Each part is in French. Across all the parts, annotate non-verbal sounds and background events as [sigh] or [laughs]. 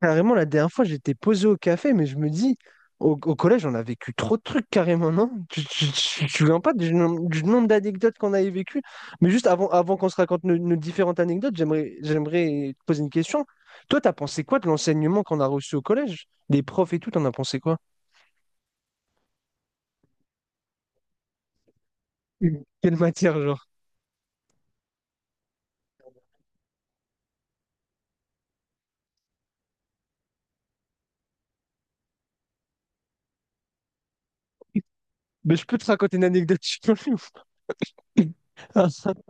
Carrément, la dernière fois, j'étais posé au café, mais je me dis, au collège, on a vécu trop de trucs carrément, non? Tu te souviens pas du nombre d'anecdotes qu'on avait vécues? Mais juste avant qu'on se raconte nos différentes anecdotes, j'aimerais te poser une question. Toi, t'as pensé quoi de l'enseignement qu'on a reçu au collège? Des profs et tout, t'en as pensé quoi? Quelle matière, genre? Mais je peux te raconter une anecdote, je suis [laughs]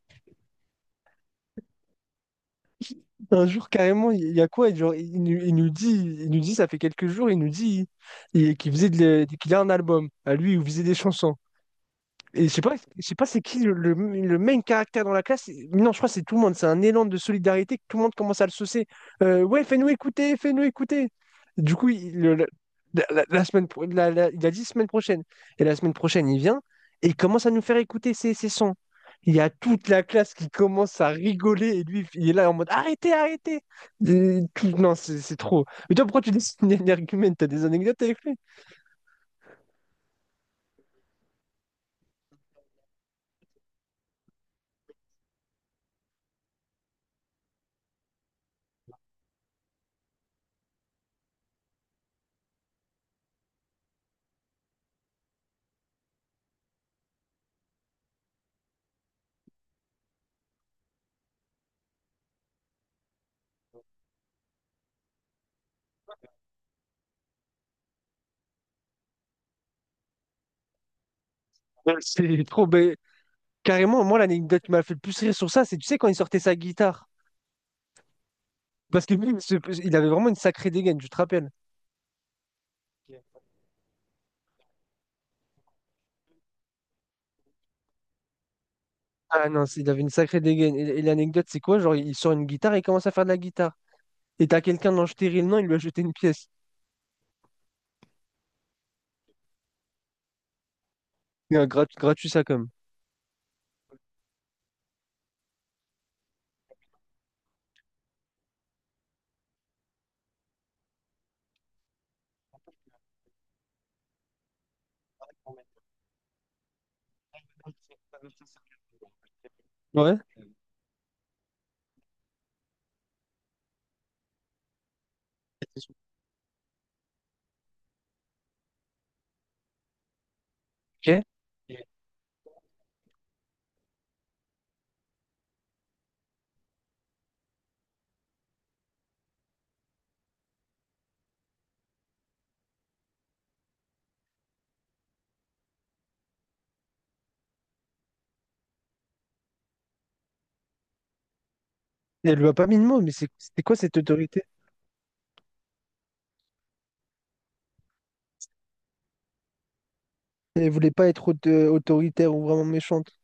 Un jour, carrément, il y a quoi? Genre, il nous dit, ça fait quelques jours, il nous dit il- qu'il faisait de la- qu'il a un album à lui où il faisait des chansons. Et je sais pas c'est qui le main caractère dans la classe. Non, je crois que c'est tout le monde. C'est un élan de solidarité que tout le monde commence à le saucer. Ouais, fais-nous écouter, fais-nous écouter. Du coup, il, le- la- la il a dit semaine prochaine. Et la semaine prochaine, il vient et il commence à nous faire écouter ses sons. Il y a toute la classe qui commence à rigoler et lui, il est là en mode arrêtez, arrêtez. Non, c'est trop. Mais toi, pourquoi tu dis que c'est un [laughs] argument? T'as des anecdotes avec lui? Ouais, c'est trop. Bah, carrément, moi, l'anecdote qui m'a fait le plus rire sur ça, c'est, tu sais, quand il sortait sa guitare. Parce que lui, il avait vraiment une sacrée dégaine, je te rappelle. Ok. Ah non, il avait une sacrée dégaine. Et l'anecdote, c'est quoi? Genre, il sort une guitare et il commence à faire de la guitare. Et t'as quelqu'un dans stérile, non, il lui a jeté une pièce. Et un gratuit, ça, comme. Ouais, ok. Et elle lui a pas mis de mots, mais c'était quoi cette autorité? Elle voulait pas être autoritaire ou vraiment méchante.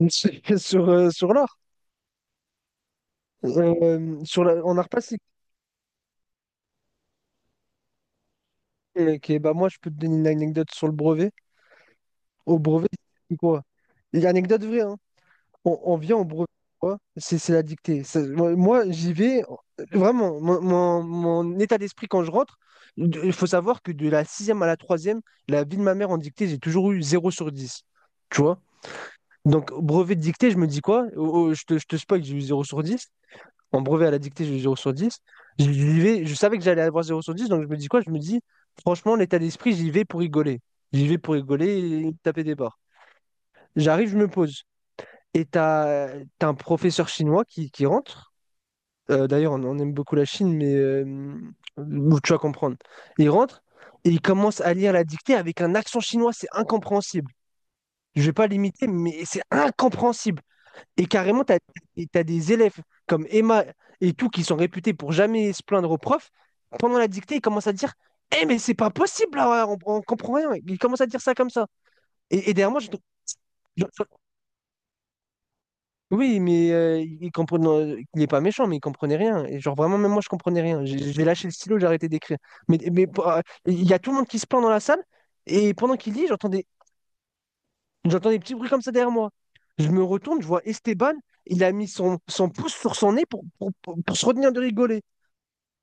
[laughs] Sur l'art. En art plastique. Ok, bah moi, je peux te donner une anecdote sur le brevet. Au brevet, c'est quoi? Et anecdote vraie, hein. On vient au brevet, quoi. C'est la dictée. Moi, j'y vais. Vraiment, mon état d'esprit quand je rentre, il faut savoir que de la sixième à la troisième, la vie de ma mère en dictée, j'ai toujours eu 0/10. Tu vois? Donc, au brevet de dictée, je me dis quoi? Oh, oh, je te spoil, j'ai eu 0/10. En brevet à la dictée, j'ai eu 0/10. J'y vais, je savais que j'allais avoir 0/10, donc je me dis quoi? Je me dis, franchement, l'état d'esprit, j'y vais pour rigoler. J'y vais pour rigoler et taper des barres. J'arrive, je me pose. Et t'as un professeur chinois qui rentre. D'ailleurs, on aime beaucoup la Chine, mais tu vas comprendre. Il rentre et il commence à lire la dictée avec un accent chinois, c'est incompréhensible. Je vais pas l'imiter, mais c'est incompréhensible. Et carrément, tu t'as des élèves comme Emma et tout qui sont réputés pour jamais se plaindre au prof. Pendant la dictée, ils commencent à dire, eh, mais c'est pas possible, là, on comprend rien. Ils commencent à dire ça comme ça. Et derrière moi, je- oui, mais il comprenait, il est pas méchant, mais il comprenait rien. Et genre vraiment, même moi, je comprenais rien. J'ai lâché le stylo, j'ai arrêté d'écrire. Mais, il y a tout le monde qui se plaint dans la salle, et pendant qu'il lit, j'entends des petits bruits comme ça derrière moi. Je me retourne, je vois Esteban, il a mis son pouce sur son nez pour se retenir de rigoler.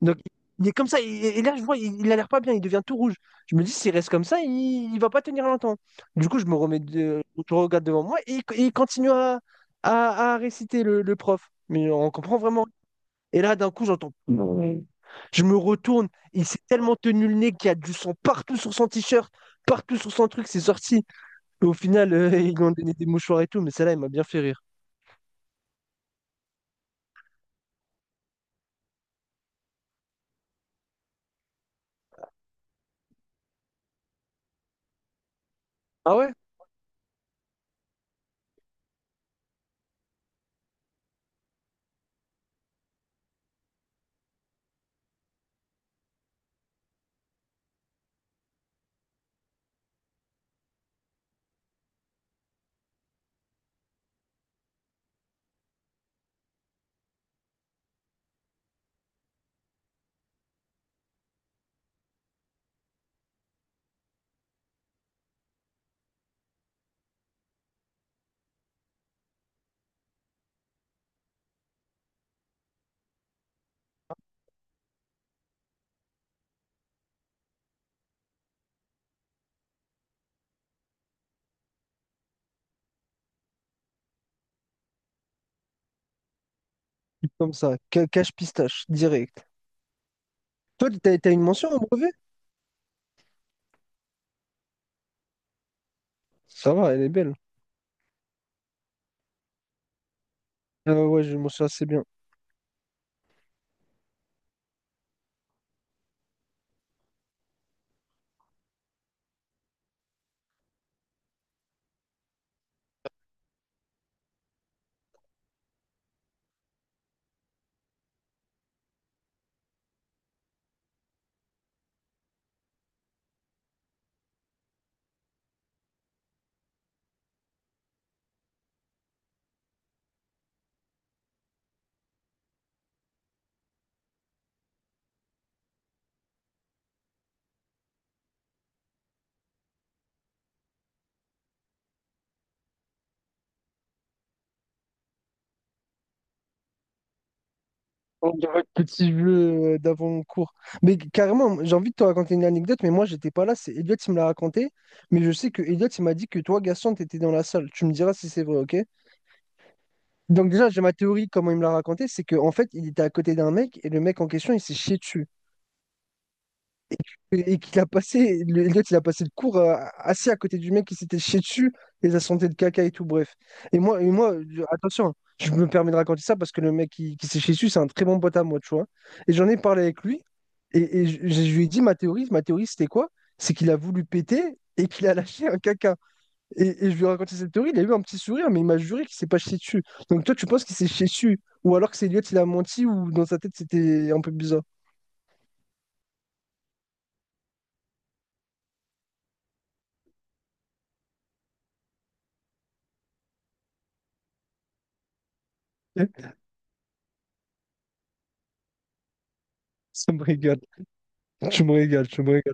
Donc, il est comme ça. Et là, je vois, il a l'air pas bien. Il devient tout rouge. Je me dis, s'il reste comme ça, il va pas tenir longtemps. Du coup, je me remets, je regarde devant moi et il continue à, réciter le prof. Mais on comprend vraiment. Et là, d'un coup, j'entends. Je me retourne. Il s'est tellement tenu le nez qu'il y a du sang partout sur son t-shirt, partout sur son truc. C'est sorti. Et au final, [laughs] ils lui ont donné des mouchoirs et tout. Mais celle-là, il m'a bien fait rire. Ah ouais? Comme ça. Cache pistache, direct. Toi, t'as une mention au brevet? Ça va, elle est belle. Ouais, je m'en souviens assez bien. On dirait le petit jeu d'avant mon cours. Mais carrément, j'ai envie de te raconter une anecdote, mais moi, j'étais pas là. C'est Elliot qui me l'a raconté. Mais je sais que Elliot, il m'a dit que toi, Gaston, t'étais dans la salle. Tu me diras si c'est vrai, ok? Donc, déjà, j'ai ma théorie, comment il me l'a raconté. C'est qu'en fait, il était à côté d'un mec et le mec en question, il s'est chié dessus. Et qu'il a passé, le- Elliot, il a passé le cours assis à côté du mec qui s'était chié dessus, les a senté de caca et tout, bref. Et moi, attention, je me permets de raconter ça parce que le mec qui s'est chié dessus, c'est un très bon pote à moi, tu vois. Et j'en ai parlé avec lui, et je lui ai dit ma théorie c'était quoi? C'est qu'il a voulu péter et qu'il a lâché un caca. Et je lui ai raconté cette théorie, il a eu un petit sourire, mais il m'a juré qu'il s'est pas chié dessus. Donc toi, tu penses qu'il s'est chié dessus? Ou alors que c'est Elliot, il a menti, ou dans sa tête, c'était un peu bizarre. [laughs] Ça me régale. Je me régale, je me régale.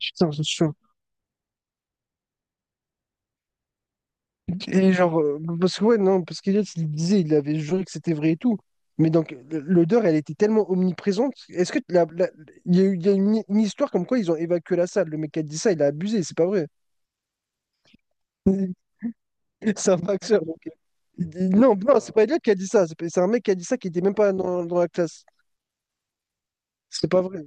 Putain, c'est chaud. Et genre, parce que ouais, non, parce qu'Eliott, il disait, il avait juré que c'était vrai et tout. Mais donc, l'odeur, elle était tellement omniprésente. Est-ce que il y a une histoire comme quoi ils ont évacué la salle. Le mec qui a dit ça, il a abusé, c'est pas vrai. [laughs] C'est un facteur. Donc. Non, non, c'est pas Elliot qui a dit ça. C'est pas- C'est un mec qui a dit ça qui était même pas dans la classe. C'est pas vrai.